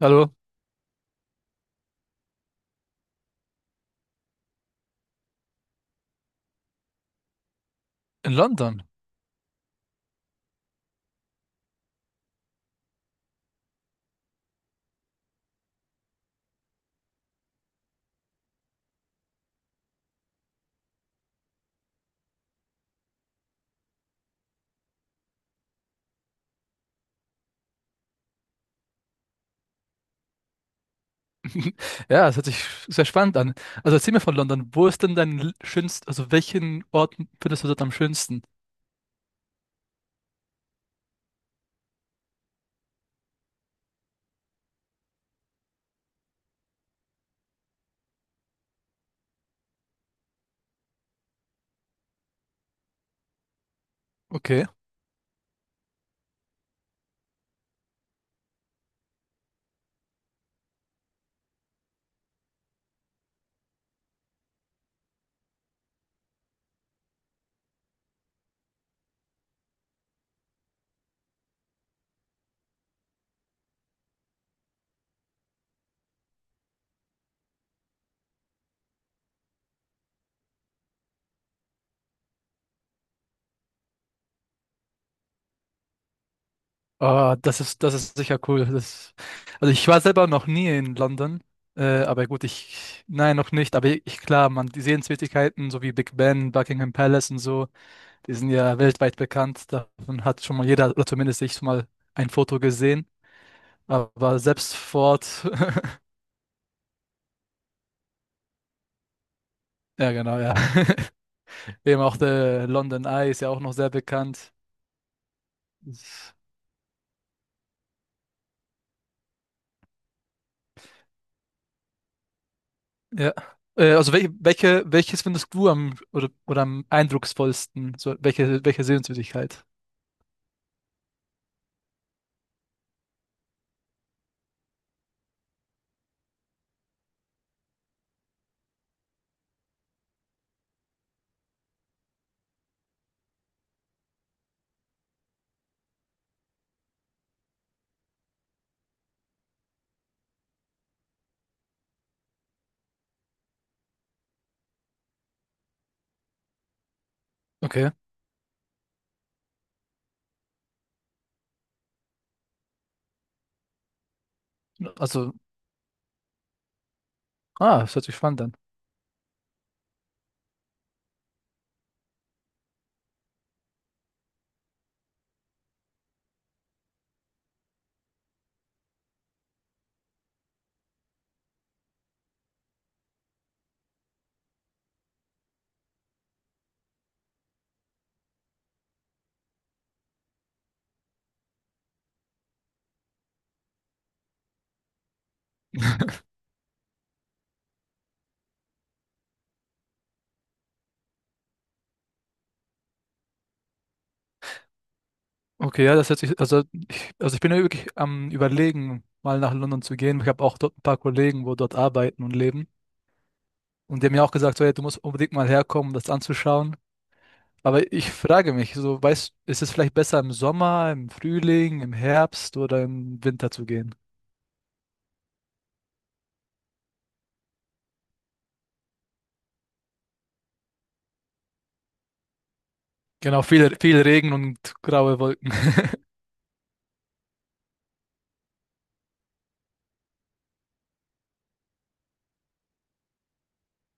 Hallo, in London. Ja, das hört sich sehr spannend an. Also erzähl mir von London. Wo ist denn dein l- schönst, also welchen Ort findest du dort am schönsten? Okay. Ah, das ist sicher cool. Das, also ich war selber noch nie in London. Aber gut, ich, nein, noch nicht. Aber ich, klar, man, die Sehenswürdigkeiten, so wie Big Ben, Buckingham Palace und so, die sind ja weltweit bekannt. Davon hat schon mal jeder, oder zumindest ich, schon mal ein Foto gesehen. Aber selbst vor Ort, ja, genau, ja. Eben auch der London Eye ist ja auch noch sehr bekannt. Das- Ja. Also welches findest du am oder am eindrucksvollsten? So, welche Sehenswürdigkeit? Okay. Also, ah, das hört sich spannend an. Okay, ja, das hört sich, also ich bin ja wirklich am Überlegen, mal nach London zu gehen. Ich habe auch dort ein paar Kollegen, wo dort arbeiten und leben. Und die haben mir auch gesagt, so, hey, du musst unbedingt mal herkommen, um das anzuschauen. Aber ich frage mich, so, weißt, ist es vielleicht besser im Sommer, im Frühling, im Herbst oder im Winter zu gehen? Genau, viel Regen und graue Wolken.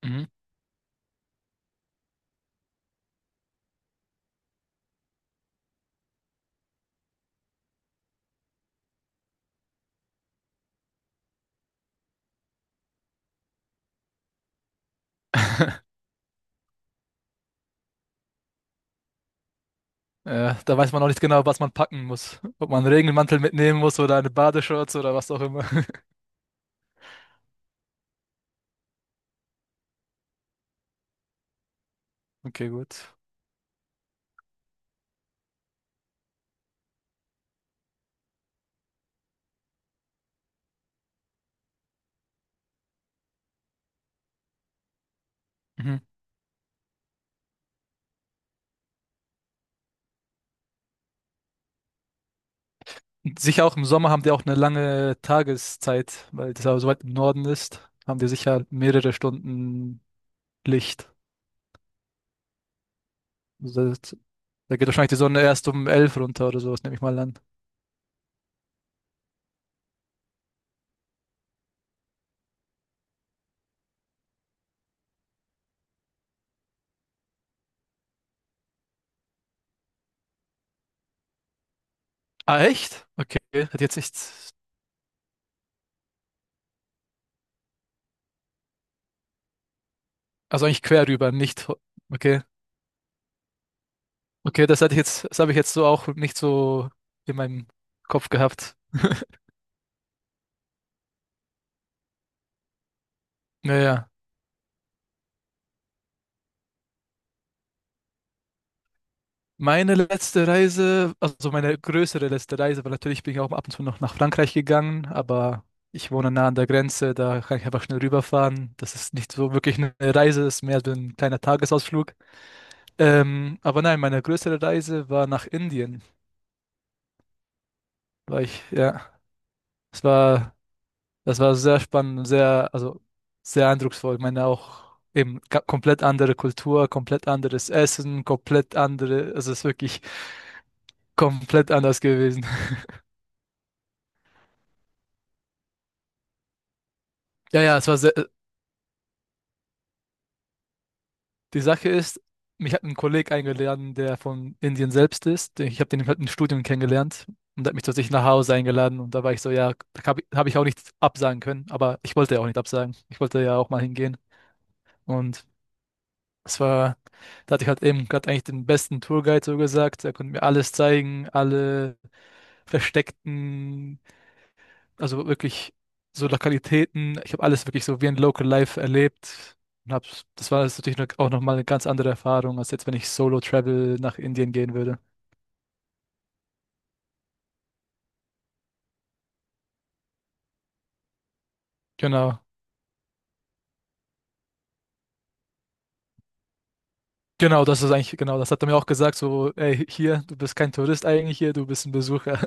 Mhm. Ja, da weiß man auch nicht genau, was man packen muss. Ob man einen Regenmantel mitnehmen muss oder eine Badeshorts oder was auch immer. Okay, gut. Mhm. Sicher auch im Sommer haben die auch eine lange Tageszeit, weil das aber so weit im Norden ist, haben die sicher mehrere Stunden Licht. Also das, da geht wahrscheinlich die Sonne erst um elf runter oder sowas, nehme ich mal an. Ah, echt? Okay, hätte jetzt nicht, also eigentlich quer rüber, nicht, ho- okay. Okay, das hatte ich jetzt, das habe ich jetzt so auch nicht so in meinem Kopf gehabt. Naja, meine letzte Reise, also meine größere letzte Reise, weil natürlich bin ich auch ab und zu noch nach Frankreich gegangen, aber ich wohne nah an der Grenze, da kann ich einfach schnell rüberfahren. Das ist nicht so wirklich eine Reise, ist mehr so ein kleiner Tagesausflug. Aber nein, meine größere Reise war nach Indien, weil ich, ja, es war. Das war sehr spannend, also sehr eindrucksvoll. Ich meine auch eben ga- komplett andere Kultur, komplett anderes Essen, komplett andere, also es ist wirklich komplett anders gewesen. Ja, es war sehr, die Sache ist, mich hat ein Kollege eingeladen, der von Indien selbst ist. Ich habe den halt im Studium kennengelernt und der hat mich zu sich nach Hause eingeladen und da war ich so, ja, da habe ich, hab ich auch nichts absagen können, aber ich wollte ja auch nicht absagen. Ich wollte ja auch mal hingehen und. Es war, da hatte ich halt eben gerade eigentlich den besten Tourguide so gesagt. Er konnte mir alles zeigen, alle versteckten, also wirklich so Lokalitäten. Ich habe alles wirklich so wie ein Local Life erlebt. Und hab's, das war jetzt natürlich noch- auch nochmal eine ganz andere Erfahrung, als jetzt, wenn ich Solo Travel nach Indien gehen würde. Genau. Genau, das hat er mir auch gesagt, so, ey, hier, du bist kein Tourist eigentlich hier, du bist ein Besucher.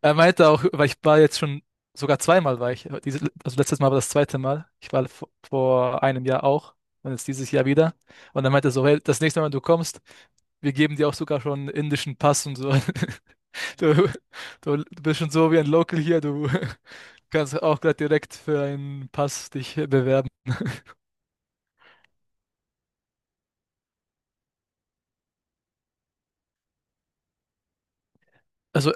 Er meinte auch, weil ich war jetzt schon sogar zweimal war ich, diese, also letztes Mal war das zweite Mal. Ich war vor einem Jahr auch und jetzt dieses Jahr wieder. Und er meinte er so, hey, das nächste Mal, wenn du kommst, wir geben dir auch sogar schon einen indischen Pass und so. Du, du bist schon so wie ein Local hier, du kannst auch gleich direkt für einen Pass dich bewerben. Also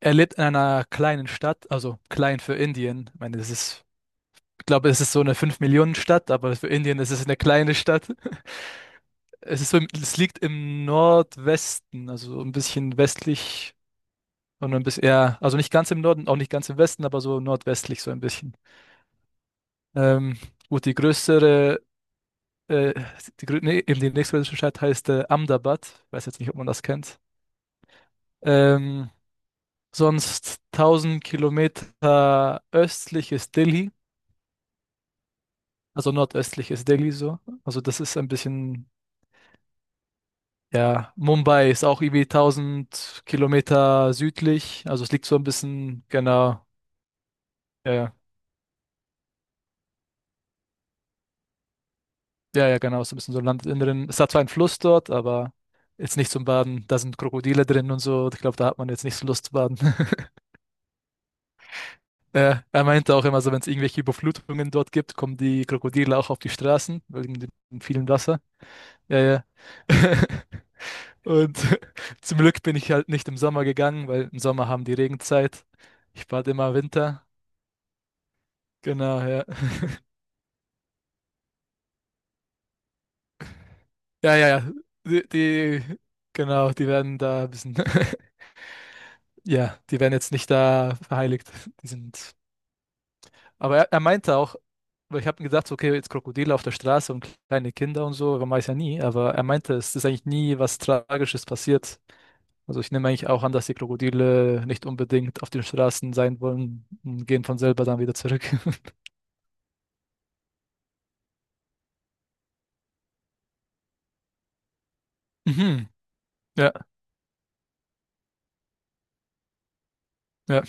er lebt in einer kleinen Stadt, also klein für Indien. Ich meine, das ist, ich glaube, es ist so eine 5 Millionen stadt aber für Indien ist es eine kleine Stadt. Es ist so, im- es liegt im Nordwesten, also so ein bisschen westlich und ein bisschen, ja, also nicht ganz im Norden, auch nicht ganz im Westen, aber so nordwestlich so ein bisschen. Ähm, gut, die größere, äh, die, grö- nee, eben die nächstgrößere Stadt heißt Ahmedabad. Weiß jetzt nicht, ob man das kennt. Ähm, Sonst 1000 Kilometer östlich ist Delhi, also nordöstlich ist Delhi so. Also das ist ein bisschen. Ja, Mumbai ist auch irgendwie 1000 Kilometer südlich. Also es liegt so ein bisschen, ja, ja, ja, genau, so ein bisschen so Landinneren. Es hat zwar einen Fluss dort, aber jetzt nicht zum Baden. Da sind Krokodile drin und so. Ich glaube, da hat man jetzt nicht so Lust zu baden. Ja, er meinte auch immer so, wenn es irgendwelche Überflutungen dort gibt, kommen die Krokodile auch auf die Straßen, wegen dem vielen Wasser. Ja, ja. Und zum Glück bin ich halt nicht im Sommer gegangen, weil im Sommer haben die Regenzeit. Ich bade immer im Winter. Genau, ja. Ja, ja, ja. Die, die, genau, die werden da ein bisschen, ja, die werden jetzt nicht da verheiligt. Die sind, aber er meinte auch, weil ich habe mir gedacht, so, okay, jetzt Krokodile auf der Straße und kleine Kinder und so, man weiß ja nie, aber er meinte, es ist eigentlich nie was Tragisches passiert. Also ich nehme eigentlich auch an, dass die Krokodile nicht unbedingt auf den Straßen sein wollen und gehen von selber dann wieder zurück. Mhm. Ja, ja,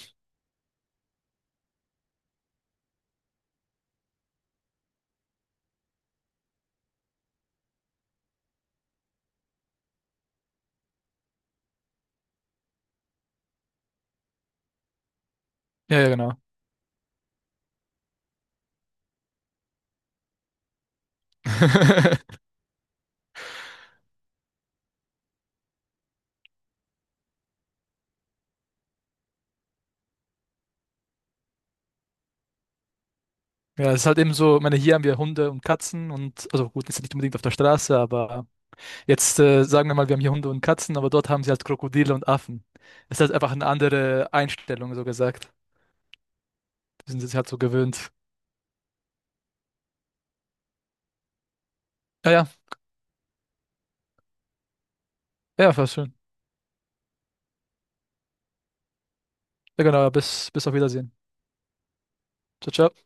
ja, ja, genau. Ja, es ist halt eben so, ich meine, hier haben wir Hunde und Katzen und, also gut, ist ja nicht unbedingt auf der Straße, aber jetzt sagen wir mal, wir haben hier Hunde und Katzen, aber dort haben sie halt Krokodile und Affen. Es ist halt einfach eine andere Einstellung, so gesagt. Die sind sich halt so gewöhnt. Ja, ja, ja, war schön. Ja, genau, bis auf Wiedersehen. Ciao, ciao.